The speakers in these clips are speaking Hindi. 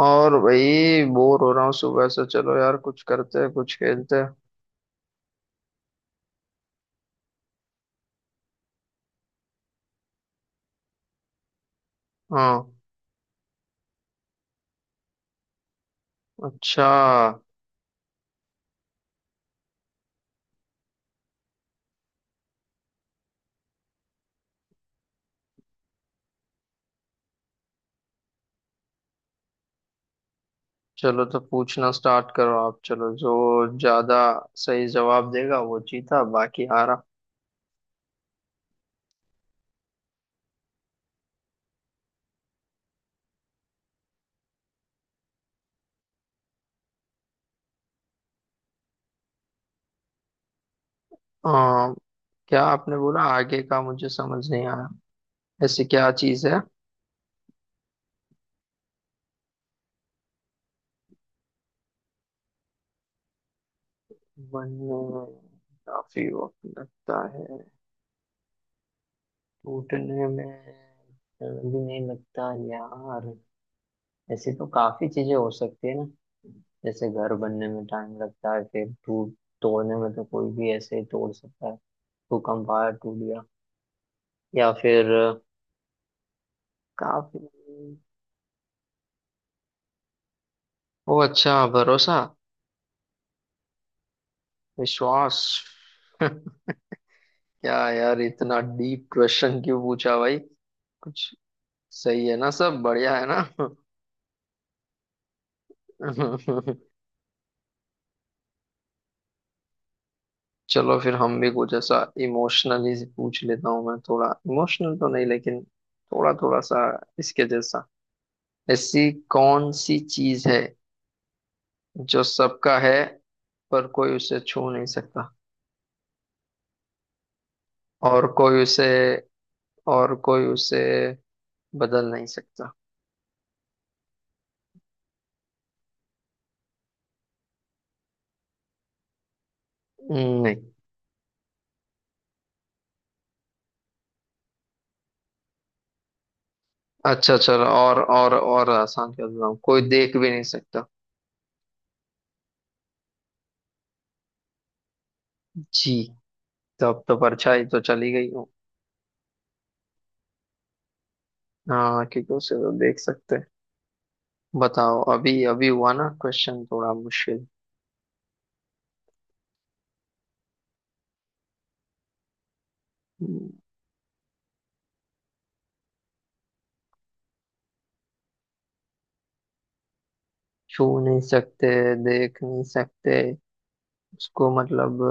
और भाई, बोर हो रहा हूँ सुबह से। चलो यार, कुछ करते हैं, कुछ खेलते हैं। हाँ। अच्छा चलो, तो पूछना स्टार्ट करो आप। चलो, जो ज्यादा सही जवाब देगा वो जीता, बाकी हारा। आ, क्या आपने बोला, आगे का मुझे समझ नहीं आया। ऐसी क्या चीज है? बनने में काफी वक्त लगता है, टूटने में जल्दी नहीं लगता यार। ऐसे तो काफी चीजें हो सकती है ना। जैसे घर बनने में टाइम लगता है, फिर टूट, तोड़ने में तो कोई भी ऐसे ही तोड़ सकता है। भूकंप आया, टूट गया। या फिर काफी। ओ अच्छा, भरोसा, विश्वास। क्या यार, इतना डीप क्वेश्चन क्यों पूछा भाई? कुछ सही है ना, सब बढ़िया है ना? चलो फिर हम भी कुछ ऐसा इमोशनली पूछ लेता हूँ। मैं थोड़ा इमोशनल तो नहीं, लेकिन थोड़ा थोड़ा सा इसके जैसा। ऐसी कौन सी चीज है जो सबका है, पर कोई उसे छू नहीं सकता, और कोई उसे और कोई उसे बदल नहीं सकता? नहीं। अच्छा चलो, और आसान कर देता हूँ, कोई देख भी नहीं सकता। जी। तब तो परछाई तो चली गई हूँ। हाँ, क्योंकि उसे तो देख सकते हैं। बताओ, अभी अभी हुआ ना क्वेश्चन थोड़ा मुश्किल? हम्म, छू नहीं सकते, देख नहीं सकते उसको मतलब।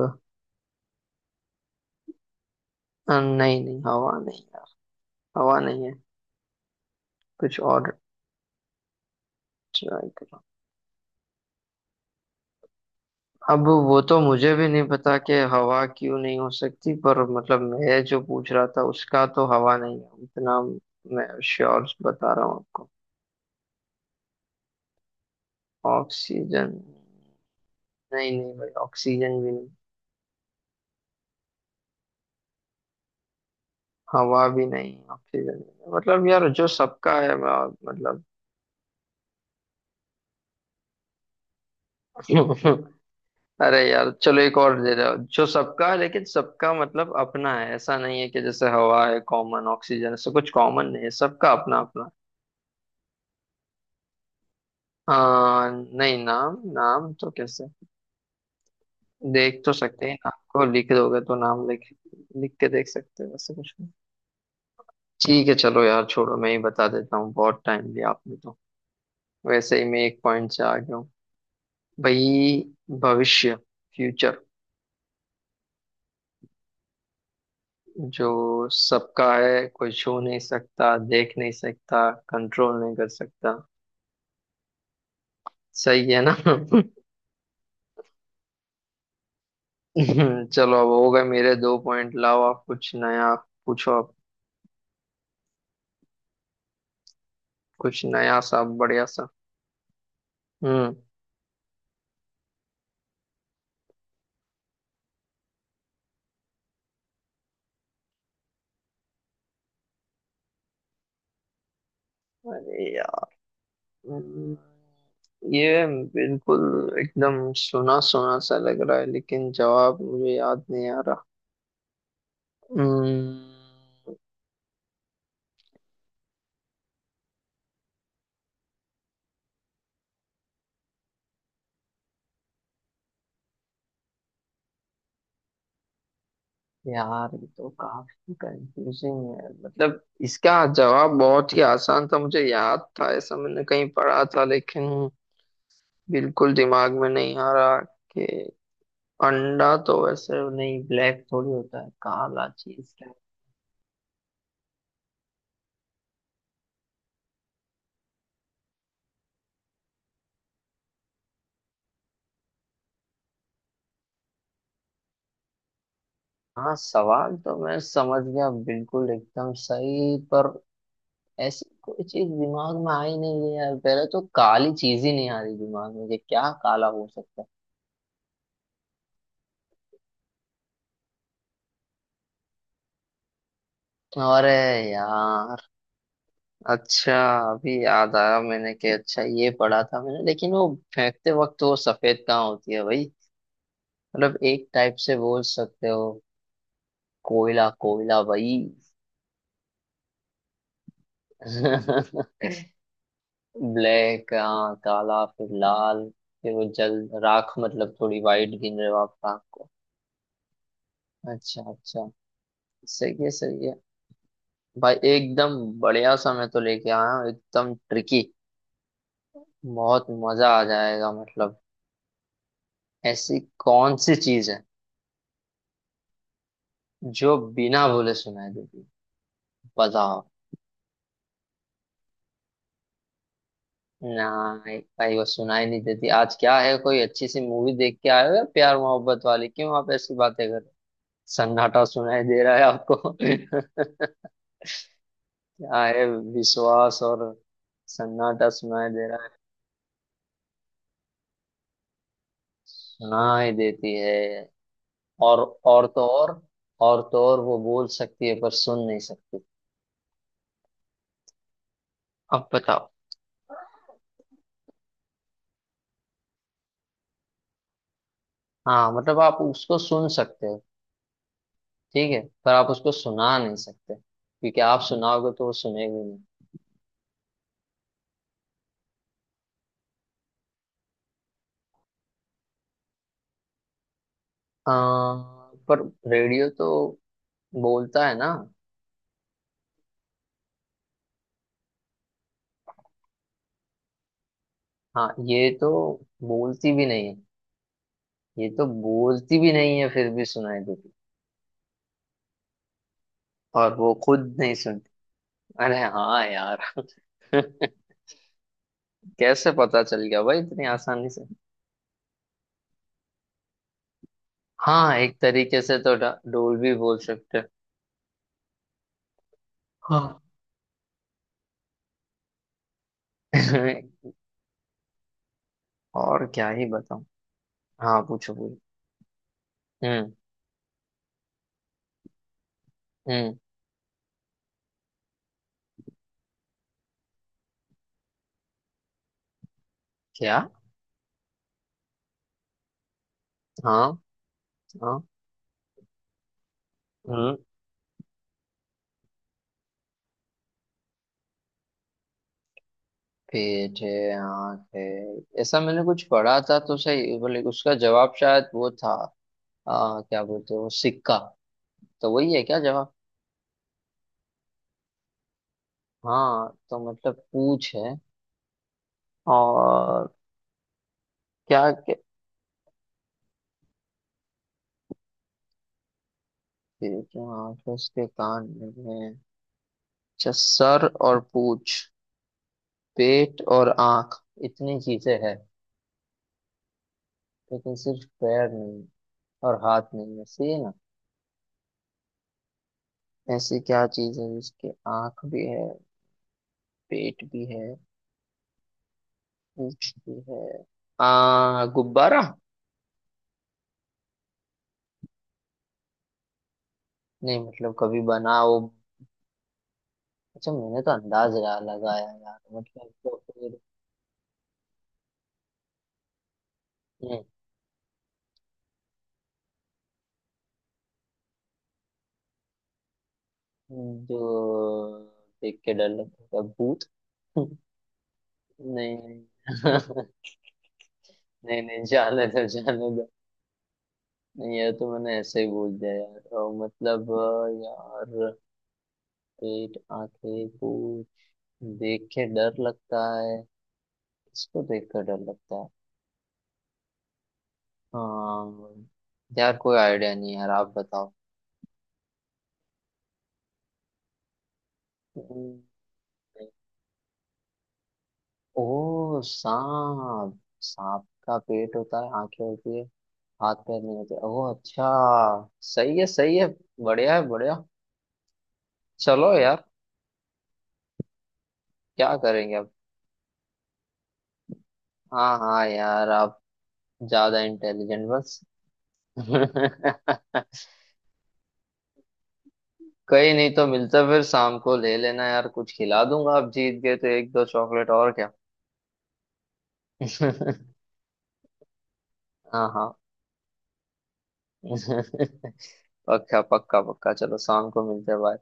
नहीं नहीं, हवा नहीं यार। हवा नहीं है। कुछ और ट्राई करो। अब वो तो मुझे भी नहीं पता कि हवा क्यों नहीं हो सकती, पर मतलब मैं जो पूछ रहा था उसका तो हवा नहीं है, इतना मैं श्योर बता रहा हूँ आपको। ऑक्सीजन? नहीं नहीं भाई, ऑक्सीजन भी नहीं। हवा भी नहीं, ऑक्सीजन भी नहीं। मतलब यार, जो सबका है, मैं मतलब। अरे यार, चलो एक और दे दो। जो सबका है, लेकिन सबका मतलब अपना है। ऐसा नहीं है कि जैसे हवा है कॉमन, ऑक्सीजन, ऐसा कुछ कॉमन नहीं है। सबका अपना अपना। हाँ, नहीं, नाम? नाम तो कैसे, देख तो सकते हैं नाम को, लिख दोगे तो नाम लिख, लिख के देख सकते हैं, वैसे कुछ नहीं। ठीक है चलो यार, छोड़ो, मैं ही बता देता हूँ। बहुत टाइम लिया आपने तो, वैसे ही मैं एक पॉइंट से आ गया हूँ। भाई, भविष्य, फ्यूचर। जो सबका है, कोई छू नहीं सकता, देख नहीं सकता, कंट्रोल नहीं कर सकता। सही है ना? चलो, अब हो गए मेरे दो पॉइंट। लाओ आप कुछ नया पूछो आप, कुछ नया सा बढ़िया सा। हम्म। अरे यार, हम्म, ये बिल्कुल एकदम सुना सुना सा लग रहा है, लेकिन जवाब मुझे याद नहीं आ रहा। हम्म, यार ये तो काफी कंफ्यूजिंग है, मतलब इसका जवाब बहुत ही आसान था, मुझे याद था, ऐसा मैंने कहीं पढ़ा था, लेकिन बिल्कुल दिमाग में नहीं आ रहा कि अंडा तो वैसे नहीं, ब्लैक थोड़ी होता है। काला चीज क्या है? हाँ, सवाल तो मैं समझ गया, बिल्कुल एकदम सही, पर ऐसी कोई चीज दिमाग में आई नहीं है यार। पहले तो काली चीज ही नहीं आ रही दिमाग में कि क्या काला हो सकता है। अरे यार, अच्छा, अभी याद आया मैंने कि अच्छा ये पढ़ा था मैंने, लेकिन वो फेंकते वक्त वो सफेद कहाँ होती है भाई? मतलब एक टाइप से बोल सकते हो। कोयला, कोयला भाई। ब्लैक, हाँ, काला, फिर लाल, फिर वो जल, राख, मतलब थोड़ी वाइट गिन रहे हो आप राख को? अच्छा अच्छा, सही है सही है। भाई एकदम बढ़िया सा मैं तो लेके आया हूँ, एकदम ट्रिकी, बहुत मजा आ जाएगा मतलब। ऐसी कौन सी चीज है जो बिना बोले सुनाई देती? बताओ। ना भाई, वो सुनाई नहीं देती। आज क्या है, कोई अच्छी सी मूवी देख के आए हो या प्यार मोहब्बत वाली, क्यों आप ऐसी बातें कर रहे हो? सन्नाटा सुनाई दे रहा है आपको? क्या है, विश्वास और सन्नाटा सुनाई दे रहा है? सुनाई देती है, और तो और, और तो और वो बोल सकती है पर सुन नहीं सकती। अब बताओ। हाँ मतलब आप उसको सुन सकते हो, ठीक है, पर आप उसको सुना नहीं सकते, क्योंकि आप सुनाओगे तो वो सुनेगी नहीं। आ, पर रेडियो तो बोलता है ना। हाँ, ये तो बोलती भी नहीं है। ये तो बोलती भी नहीं है, फिर भी सुनाई देती, और वो खुद नहीं सुनती। अरे हाँ यार। कैसे पता चल गया भाई इतनी आसानी से? हाँ, एक तरीके से तो डोल भी बोल सकते हैं। हाँ। और क्या ही बताऊं। हाँ, पूछो पूछो। हम्म। हम्म। क्या? हाँ हाँ। हम्म। पेट है, आँख है। ऐसा मैंने कुछ पढ़ा था तो सही बोले, उसका जवाब शायद वो था। क्या बोलते हैं वो, सिक्का? तो वही है क्या जवाब? हाँ, तो मतलब पूछ है और। क्या क्या- पेट है, आँख है, उसके कान नहीं है। अच्छा, सर और पूछ, पेट और आँख, इतनी चीजें हैं, लेकिन सिर्फ पैर नहीं है और हाथ नहीं है, सही है ना? ऐसी क्या चीज है जिसके आँख भी है, पेट भी है, पूछती है? गुब्बारा? नहीं, मतलब कभी बनाओ। अच्छा मैंने तो अंदाज लगाया यार, मतलब तो फिर। जो देख के डर लगता है, भूत? नहीं नहीं। नहीं नहीं, जाने दो जाने दो। नहीं यार, तो मैंने ऐसे ही बोल दिया यार, तो मतलब यार, पेट, आंखें, भूत देख के डर लगता है, इसको देख कर डर लगता है। हाँ। यार कोई आइडिया नहीं, यार आप बताओ। हम्म, ओ सांप, सांप का पेट होता है, आंखें होती है, हाथ पैर नहीं होते। ओह अच्छा, सही है सही है, बढ़िया है बढ़िया। चलो यार, क्या करेंगे अब? हाँ हाँ यार, आप ज्यादा इंटेलिजेंट बस। कहीं नहीं, तो मिलते फिर शाम को, ले लेना यार, कुछ खिला दूंगा, आप जीत गए तो एक दो चॉकलेट और क्या। हाँ हाँ। पक्का पक्का पक्का, चलो शाम को मिलते हैं bye।